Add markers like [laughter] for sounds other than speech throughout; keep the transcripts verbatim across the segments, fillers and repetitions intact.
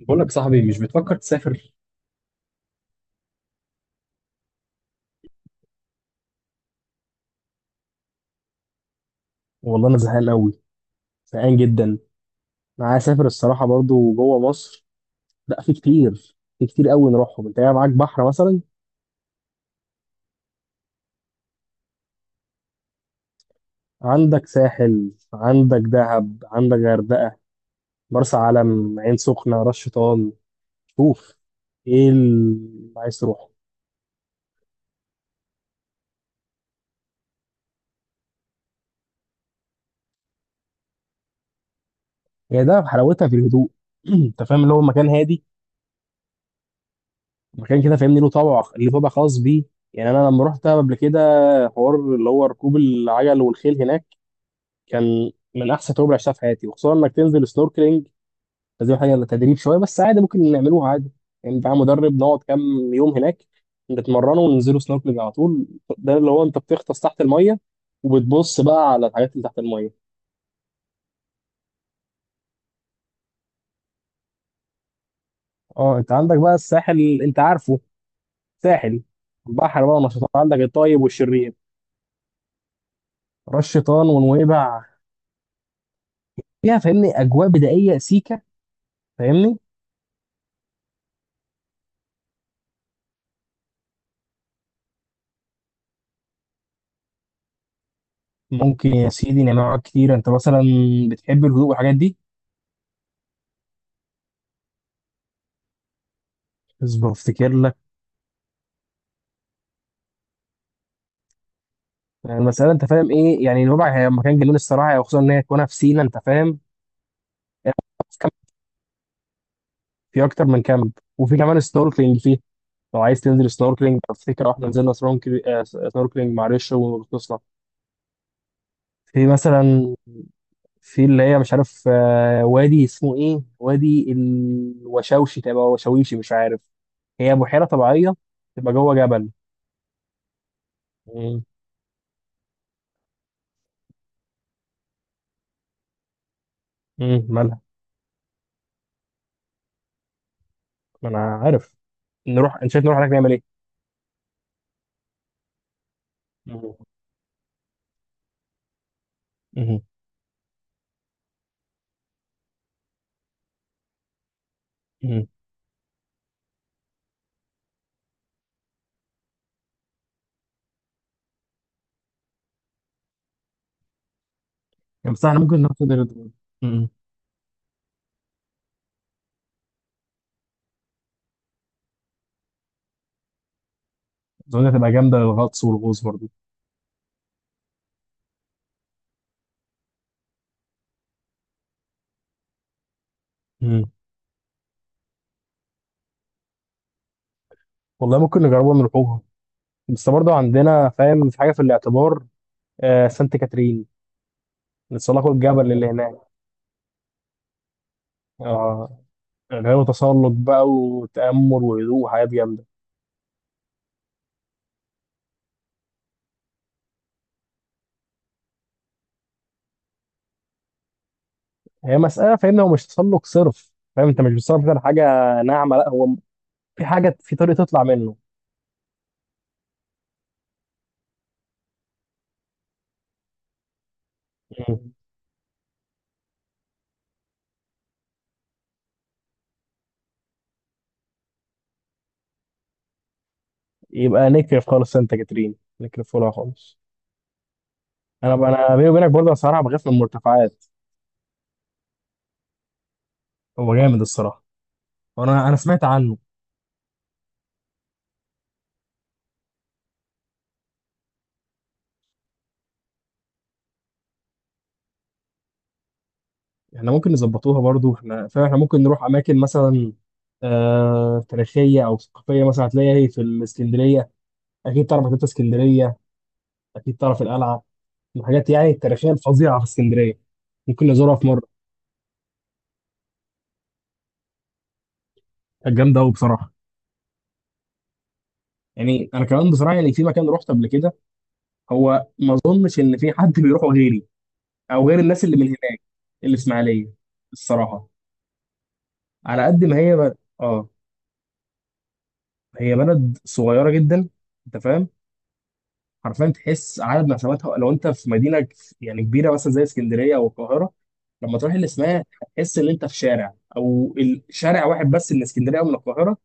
بقول لك صاحبي، مش بتفكر تسافر؟ والله انا زهقان قوي، زهقان جدا. انا عايز اسافر الصراحه برضو جوه مصر. لا، في كتير في كتير قوي نروحهم. انت قاعد معاك بحر مثلا. عندك ساحل، عندك دهب، عندك غردقه، مرسى علم، عين سخنه، راس شيطان. شوف، ايه اللي عايز تروحه؟ هي ده حلاوتها في الهدوء. [clears throat] انت فاهم اللي هو مكان هادي، مكان كده فاهمني، له طابع، ليه طابع خاص بيه. يعني انا لما رحت دهب قبل كده، حوار اللي هو ركوب العجل والخيل هناك كان من احسن تجربه اللي عشتها في حياتي، وخصوصا انك تنزل سنوركلينج. بس دي حاجه تدريب شويه بس، عادي، ممكن نعملوها عادي. يعني بقى مدرب، نقعد كام يوم هناك، نتمرنوا وننزلوا سنوركلينج على طول. ده اللي هو انت بتغطس تحت الميه، وبتبص بقى على الحاجات اللي تحت الميه. اه، انت عندك بقى الساحل، انت عارفه، ساحل البحر بقى، نشاطات، عندك الطيب والشرير، راس شيطان ونويبع، فيها فاهمني اجواء بدائيه سيكه، فاهمني. ممكن يا سيدي نعمل حاجات كتير. انت مثلا بتحب الهدوء والحاجات دي؟ اصبر افتكر لك. يعني المسألة أنت فاهم إيه؟ يعني نوبع هي مكان جنون الصراحة، وخصوصا إن هي تكونها في سينا، أنت فاهم. في كام- في أكتر من كامب، وفي كمان سنوركلينج فيه. لو عايز تنزل سنوركلينج، أفتكر إحنا نزلنا سنوركلينج، آه، سنوركلينج مع ريش وغطسنا. في مثلا، في اللي هي مش عارف، آه، وادي اسمه إيه، وادي الوشوشي، تبقى وشويشي، مش عارف. هي بحيرة طبيعية تبقى جوه جبل. مم. مم. مالها؟ ما أنا عارف. نروح أنت شايف نروح هناك نعمل إيه؟ مم. مم. مم. بس إحنا ممكن ناخد ال- مم. اظن هتبقى جامده للغطس والغوص برضه. مم. والله ممكن نجربها ونروحوها، بس برضه عندنا فاهم في حاجه في الاعتبار، آه سانت كاترين، نتسلقوا الجبل اللي هناك. اه، اللي هو تسلق بقى وتامل وهدوء وحاجات جامده. هي مساله فاهم، هو مش تسلق صرف، فاهم انت مش بتسلق على حاجه ناعمه، لا، هو في حاجه، في طريق تطلع منه. مم. يبقى نكرف خالص سانت كاترين، نكرف لها خالص. انا انا بيني وبينك برضه الصراحه بخاف من المرتفعات. هو جامد الصراحه. وانا انا سمعت عنه. احنا ممكن نظبطوها برضو. احنا فاحنا ممكن نروح اماكن، مثلا آه تاريخيه او ثقافيه، مثلا هتلاقيها هي في الاسكندريه. اكيد تعرف مكتبه اسكندريه، اكيد تعرف القلعه، الحاجات يعني التاريخيه الفظيعه في اسكندريه. ممكن نزورها في مره، كانت جامده قوي بصراحه. يعني انا كمان بصراحه، يعني في مكان رحت قبل كده، هو ما اظنش ان في حد بيروحه غيري او غير الناس اللي من هناك، اللي في اسماعيليه الصراحه. على قد ما هي بلد، اه هي بلد صغيره جدا، انت فاهم. حرفيا تحس عدد نفساتها. لو انت في مدينه ك- يعني كبيره مثلا زي اسكندريه او القاهره، لما تروح الاسماعيليه هتحس ان انت في شارع، او ال- شارع واحد بس من اسكندريه او من القاهره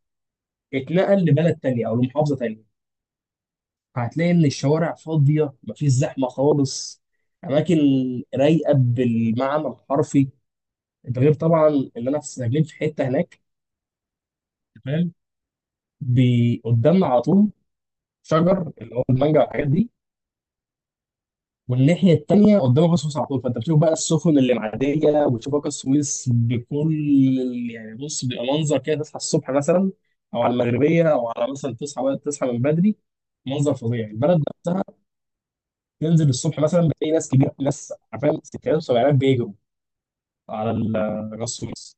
اتنقل لبلد تانية او لمحافظه تانية. فهتلاقي ان الشوارع فاضيه، مفيش زحمه خالص. اماكن رايقه بالمعنى الحرفي. ده غير طبعا ان انا في ساكنين في حته هناك، تمام، بي- قدامنا على طول شجر اللي هو المانجا والحاجات دي. والناحية التانية قدامك السويس على طول، فأنت بتشوف بقى السفن اللي معدية، وتشوف بقى السويس بكل ال- يعني، بص، بيبقى منظر كده تصحى الصبح مثلا، أو على المغربية، أو على مثلا تصحى بقى، تصحى من بدري. منظر فظيع البلد نفسها. تنزل الصبح مثلا بتلاقي ناس كبيرة، ناس عارفين ستينات وسبعينات بيجروا على ال- على السويس.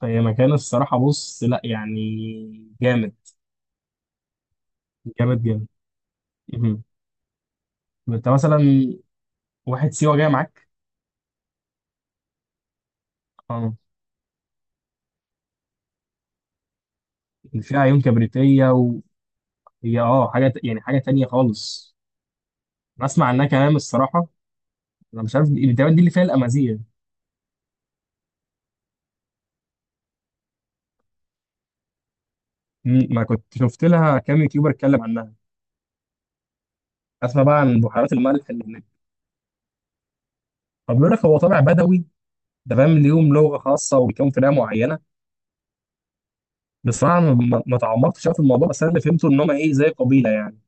فهي مكان الصراحة بص، لا يعني، جامد، جامد جامد. مهم. أنت مثلا واحد سيوة جاي معاك، اه اللي فيها عيون كبريتية، هي اه حاجة ت- يعني حاجة تانية خالص. أنا أسمع عنها كلام الصراحة. أنا مش عارف، دي تقريبا دي اللي فيها الأمازيغ. مم، ما كنت شفت لها كام يوتيوبر اتكلم عنها. أسمع بقى عن بحيرات الملح اللي هناك، فبيقول لك هو طابع بدوي، ده فاهم ليهم لغة خاصة وبيكون في لغة معينة. بصراحة أنا ما ما تعمقتش أوي في الموضوع، بس أنا اللي فهمته إن هم إيه زي قبيلة، يعني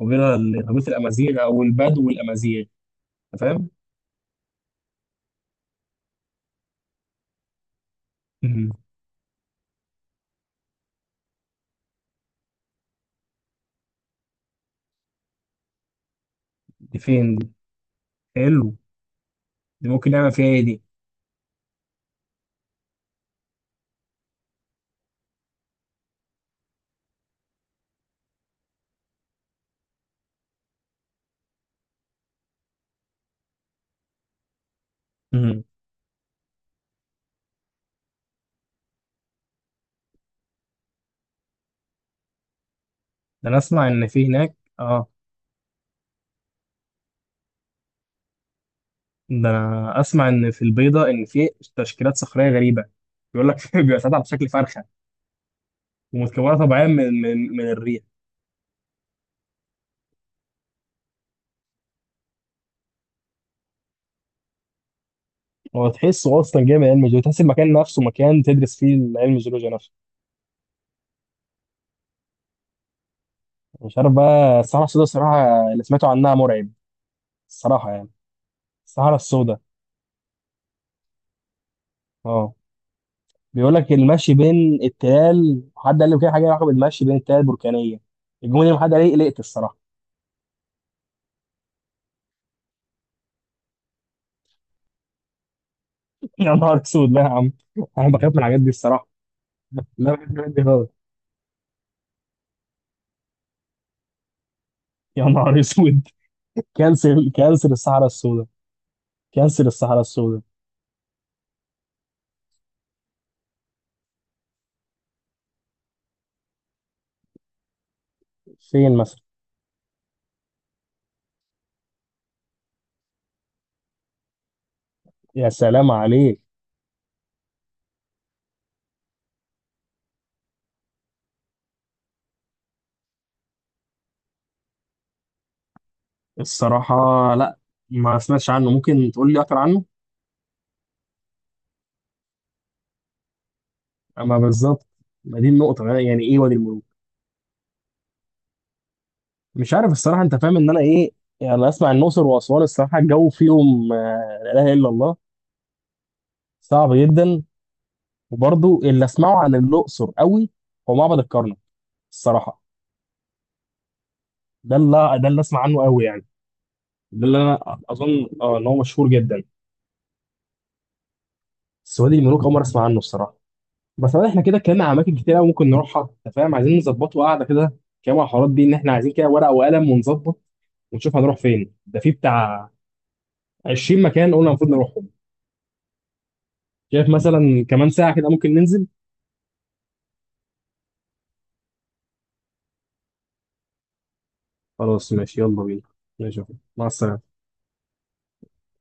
قبيلة ال- قبيلة الأمازيغ، أو البدو والأمازيغ، أنت فاهم؟ مم، دي فين دي؟ حلو، دي ممكن نعمل فيها إيه دي؟ مم، ده أنا أسمع إن في هناك، آه ده انا اسمع ان في البيضه ان في تشكيلات صخريه غريبه، بيقول لك [laughs] بيبقى ساعات على شكل فرخه، ومتكونه طبيعيا من من من الريح. هو تحسه اصلا جاي من علم الجيولوجيا، تحس المكان نفسه مكان تدرس فيه علم الجيولوجيا نفسه. مش عارف بقى الصحراء السوداء، الصراحه اللي سمعته عنها مرعب الصراحه يعني. الصحراء السوداء، اه بيقول لك المشي بين التلال، حد قال لي كده حاجه لها علاقه بالمشي بين التلال البركانيه، الجمله دي حد قال لي قلقت الصراحه. [laughs] يا نهار اسود، لا يا عم، انا بخاف من الحاجات دي الصراحه. لا، بخاف من الحاجات دي خالص. يا نهار اسود، كانسر كانسر الصحراء السوداء، كانسر الصحراء السوداء. فين مثلا؟ يا سلام عليك. الصراحة لا، ما سمعتش عنه، ممكن تقول لي أكتر عنه. أما بالظبط، ما دي النقطة أنا، يعني إيه وادي الملوك؟ مش عارف الصراحة، أنت فاهم إن أنا إيه. يعني أنا أسمع الأقصر وأسوان، الصراحة الجو فيهم آه، لا إله إلا الله، صعب جدا. وبرضه اللي أسمعه عن الأقصر قوي هو معبد الكرنك الصراحة. ده اللي ده اللي أسمع عنه قوي يعني، ده اللي أنا أظن آه إن هو مشهور جدا. بس وادي الملوك أول مرة أسمع عنه الصراحة. بس والله احنا كده اتكلمنا على اماكن كتير قوي ممكن نروحها، انت فاهم، عايزين نظبطه، قاعده كده كام على الحوارات دي، ان احنا عايزين كده ورقه وقلم ونظبط، ونشوف هنروح فين. ده في بتاع عشرين مكان قلنا المفروض نروحهم. شايف مثلا كمان ساعه كده ممكن ننزل؟ خلاص، ماشي، يلا بينا. ماشي يا أخوي. مع السلامه.